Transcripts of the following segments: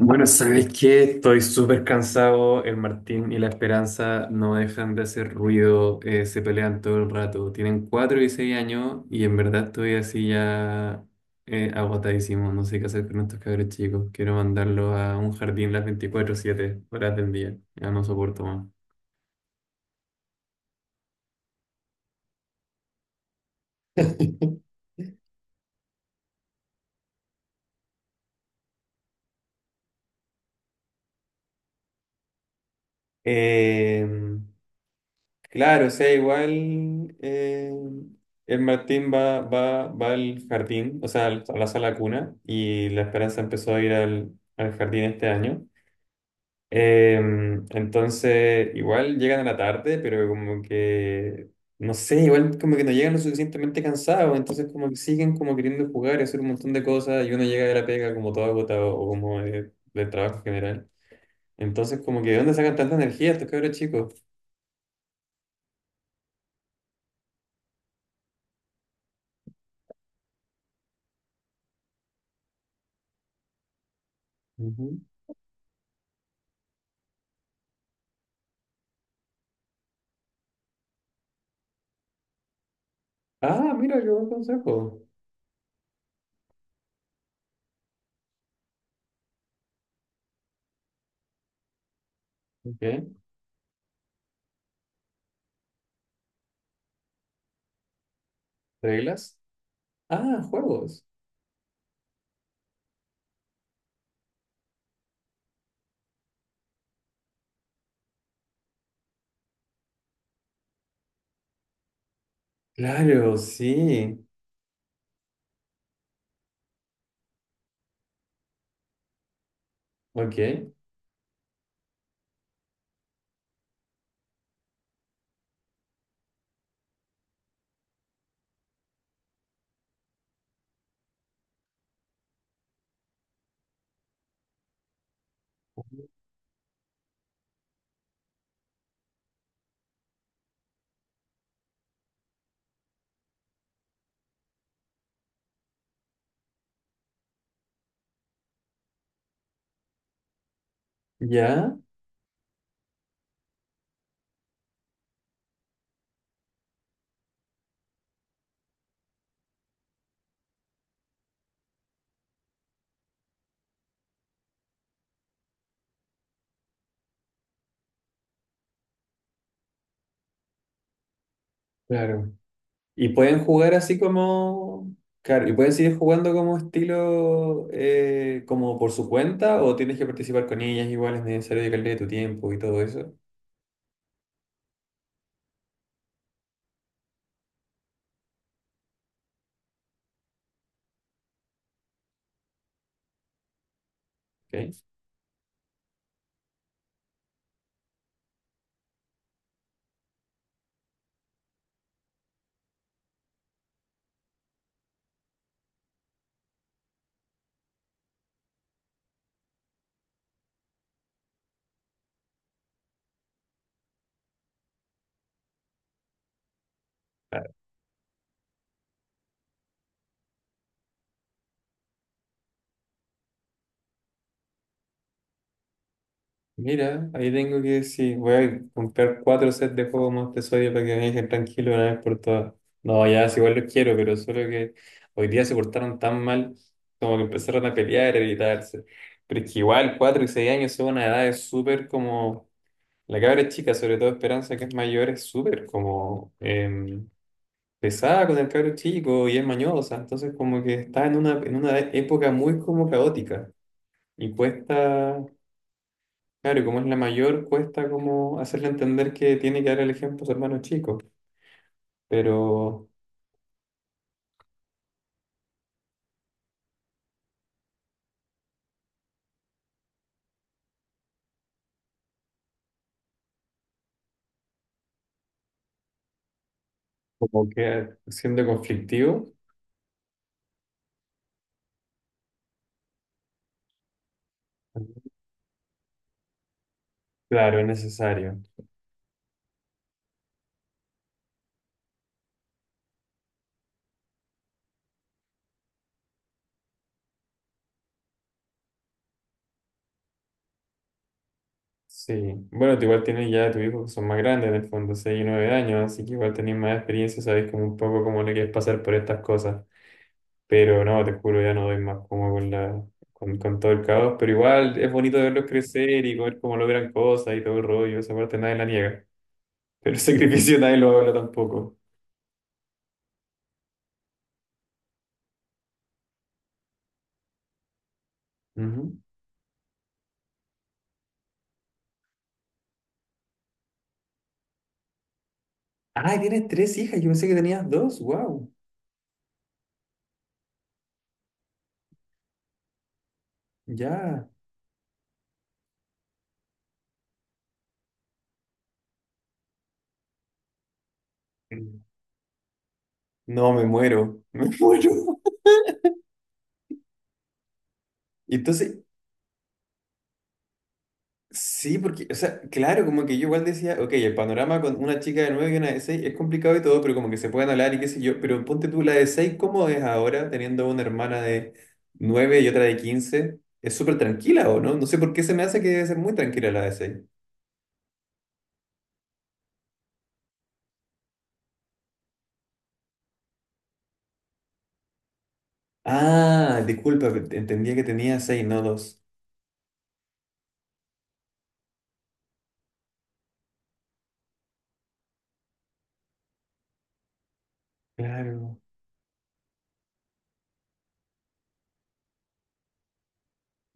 Bueno, ¿sabes qué? Estoy súper cansado. El Martín y la Esperanza no dejan de hacer ruido, se pelean todo el rato. Tienen cuatro y seis años y en verdad estoy así ya agotadísimo. No sé qué hacer con estos cabros chicos. Quiero mandarlos a un jardín las 24/7 horas del día. Ya no soporto más. Em, Claro, o sea, igual el Martín va al jardín, o sea, a la sala cuna, y la Esperanza empezó a ir al jardín este año. Eh, entonces, igual llegan a la tarde, pero como que, no sé, igual como que no llegan lo suficientemente cansados, entonces como que siguen como queriendo jugar y hacer un montón de cosas, y uno llega de la pega como todo agotado o como de del trabajo en general. Entonces, como que, ¿de dónde sacan tanta energía estos cabros chicos? Ujú. Ah, mira, qué buen consejo. Ok, reglas. Ah, juegos. Claro, sí. Ok, ya, claro. Y pueden jugar así como... Claro, y pueden seguir jugando como estilo, como por su cuenta, o tienes que participar con ellas igual, es necesario dedicarle tu tiempo y todo eso. Ok, mira, ahí tengo que decir, voy a comprar cuatro sets de juegos más de Sodia para que me dejen tranquilo una vez por todas. No, ya, si igual los quiero, pero solo que hoy día se portaron tan mal como que empezaron a pelear, a gritarse. Pero es que igual, 4 y 6 años son una edad súper como... La cabra es chica, sobre todo Esperanza, que es mayor, es súper como pesada con el cabro chico y es mañosa. Entonces como que está en una época muy como caótica y cuesta... Claro, y como es la mayor, cuesta como hacerle entender que tiene que dar el ejemplo a su hermano chico, pero como que siendo conflictivo, claro, es necesario. Sí, bueno, tú igual tienes ya tus hijos que son más grandes en el fondo, 6 y 9 años, así que igual tenés más experiencia, sabés como un poco cómo le quieres pasar por estas cosas, pero no, te juro, ya no doy más como con todo el caos, pero igual es bonito verlos crecer y ver cómo logran cosas y todo el rollo, esa parte nadie la niega, pero el sacrificio nadie lo habla tampoco. Ujú. Ah, tienes tres hijas. Yo pensé que tenías dos. Wow. Ya. No, me muero. Me muero. Y entonces, sí, porque, o sea, claro, como que yo igual decía, ok, el panorama con una chica de 9 y una de 6 es complicado y todo, pero como que se pueden hablar y qué sé yo. Pero ponte tú la de 6, ¿cómo es ahora teniendo una hermana de 9 y otra de 15? Es súper tranquila, ¿o no? No sé por qué se me hace que debe ser muy tranquila la de 6. Ah, disculpa, entendía que tenía 6, no dos. Claro.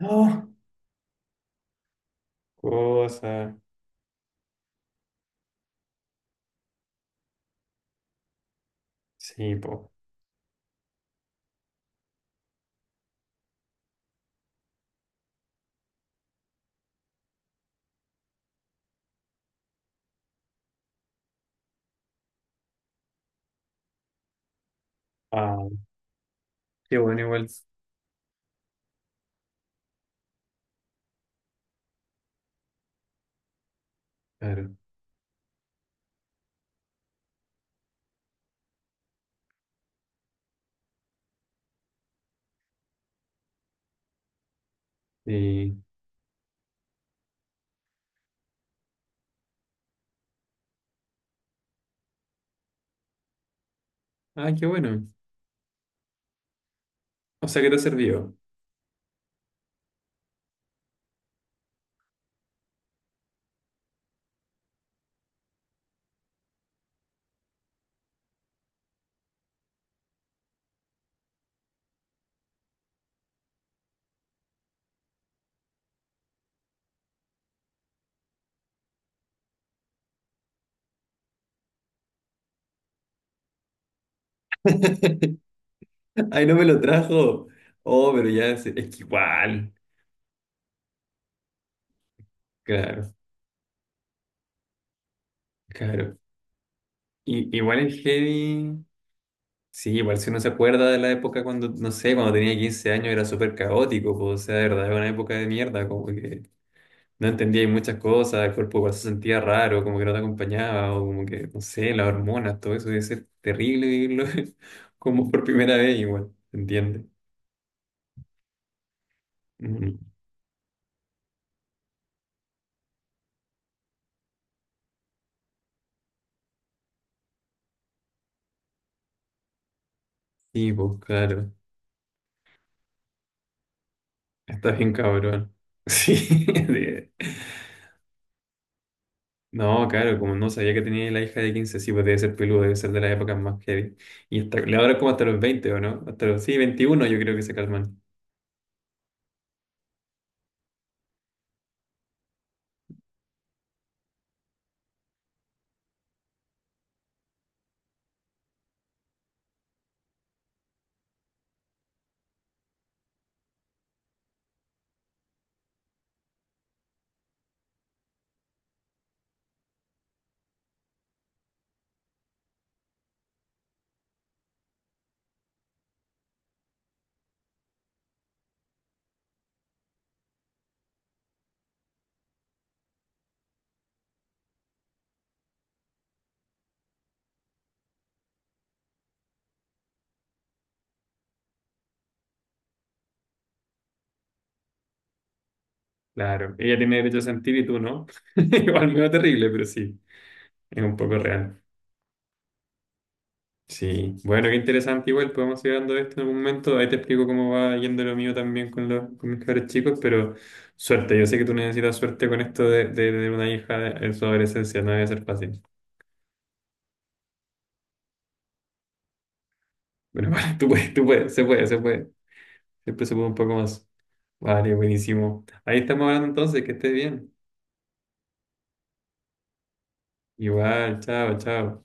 No, cosa. Sí, po. Ah, qué bueno igual. Claro. Sí. Ah, qué bueno. O sea que te sirvió. Ay, no me lo trajo. Oh, pero ya es que igual. Claro, claro. Y, igual el heavy. Sí, igual si uno se acuerda de la época cuando, no sé, cuando tenía 15 años era súper caótico, po. O sea, de verdad, era una época de mierda, como que no entendía ahí muchas cosas, el cuerpo igual se sentía raro, como que no te acompañaba, o como que, no sé, las hormonas, todo eso debe ser terrible vivirlo como por primera vez igual, ¿se entiende? Mm, Sí, pues claro, está bien cabrón. Sí, no, claro, como no sabía que tenía la hija de 15 sí, pues debe ser peludo, debe ser de las épocas más heavy. Y hasta, le ahora es como hasta los 20 ¿o no? Hasta los, sí, 21 yo creo que se calman. Claro, ella tiene derecho a sentir y tú no. Igual medio terrible, pero sí, es un poco real. Sí, bueno, qué interesante. Igual podemos ir hablando de esto en algún momento. Ahí te explico cómo va yendo lo mío también con, con mis cabros chicos, pero suerte. Yo sé que tú necesitas suerte con esto de una hija en su adolescencia. No debe ser fácil. Bueno, vale, tú puedes, se puede, se puede. Siempre se puede un poco más. Vale, buenísimo. Ahí estamos hablando entonces, que estés bien. Igual, chao, chao.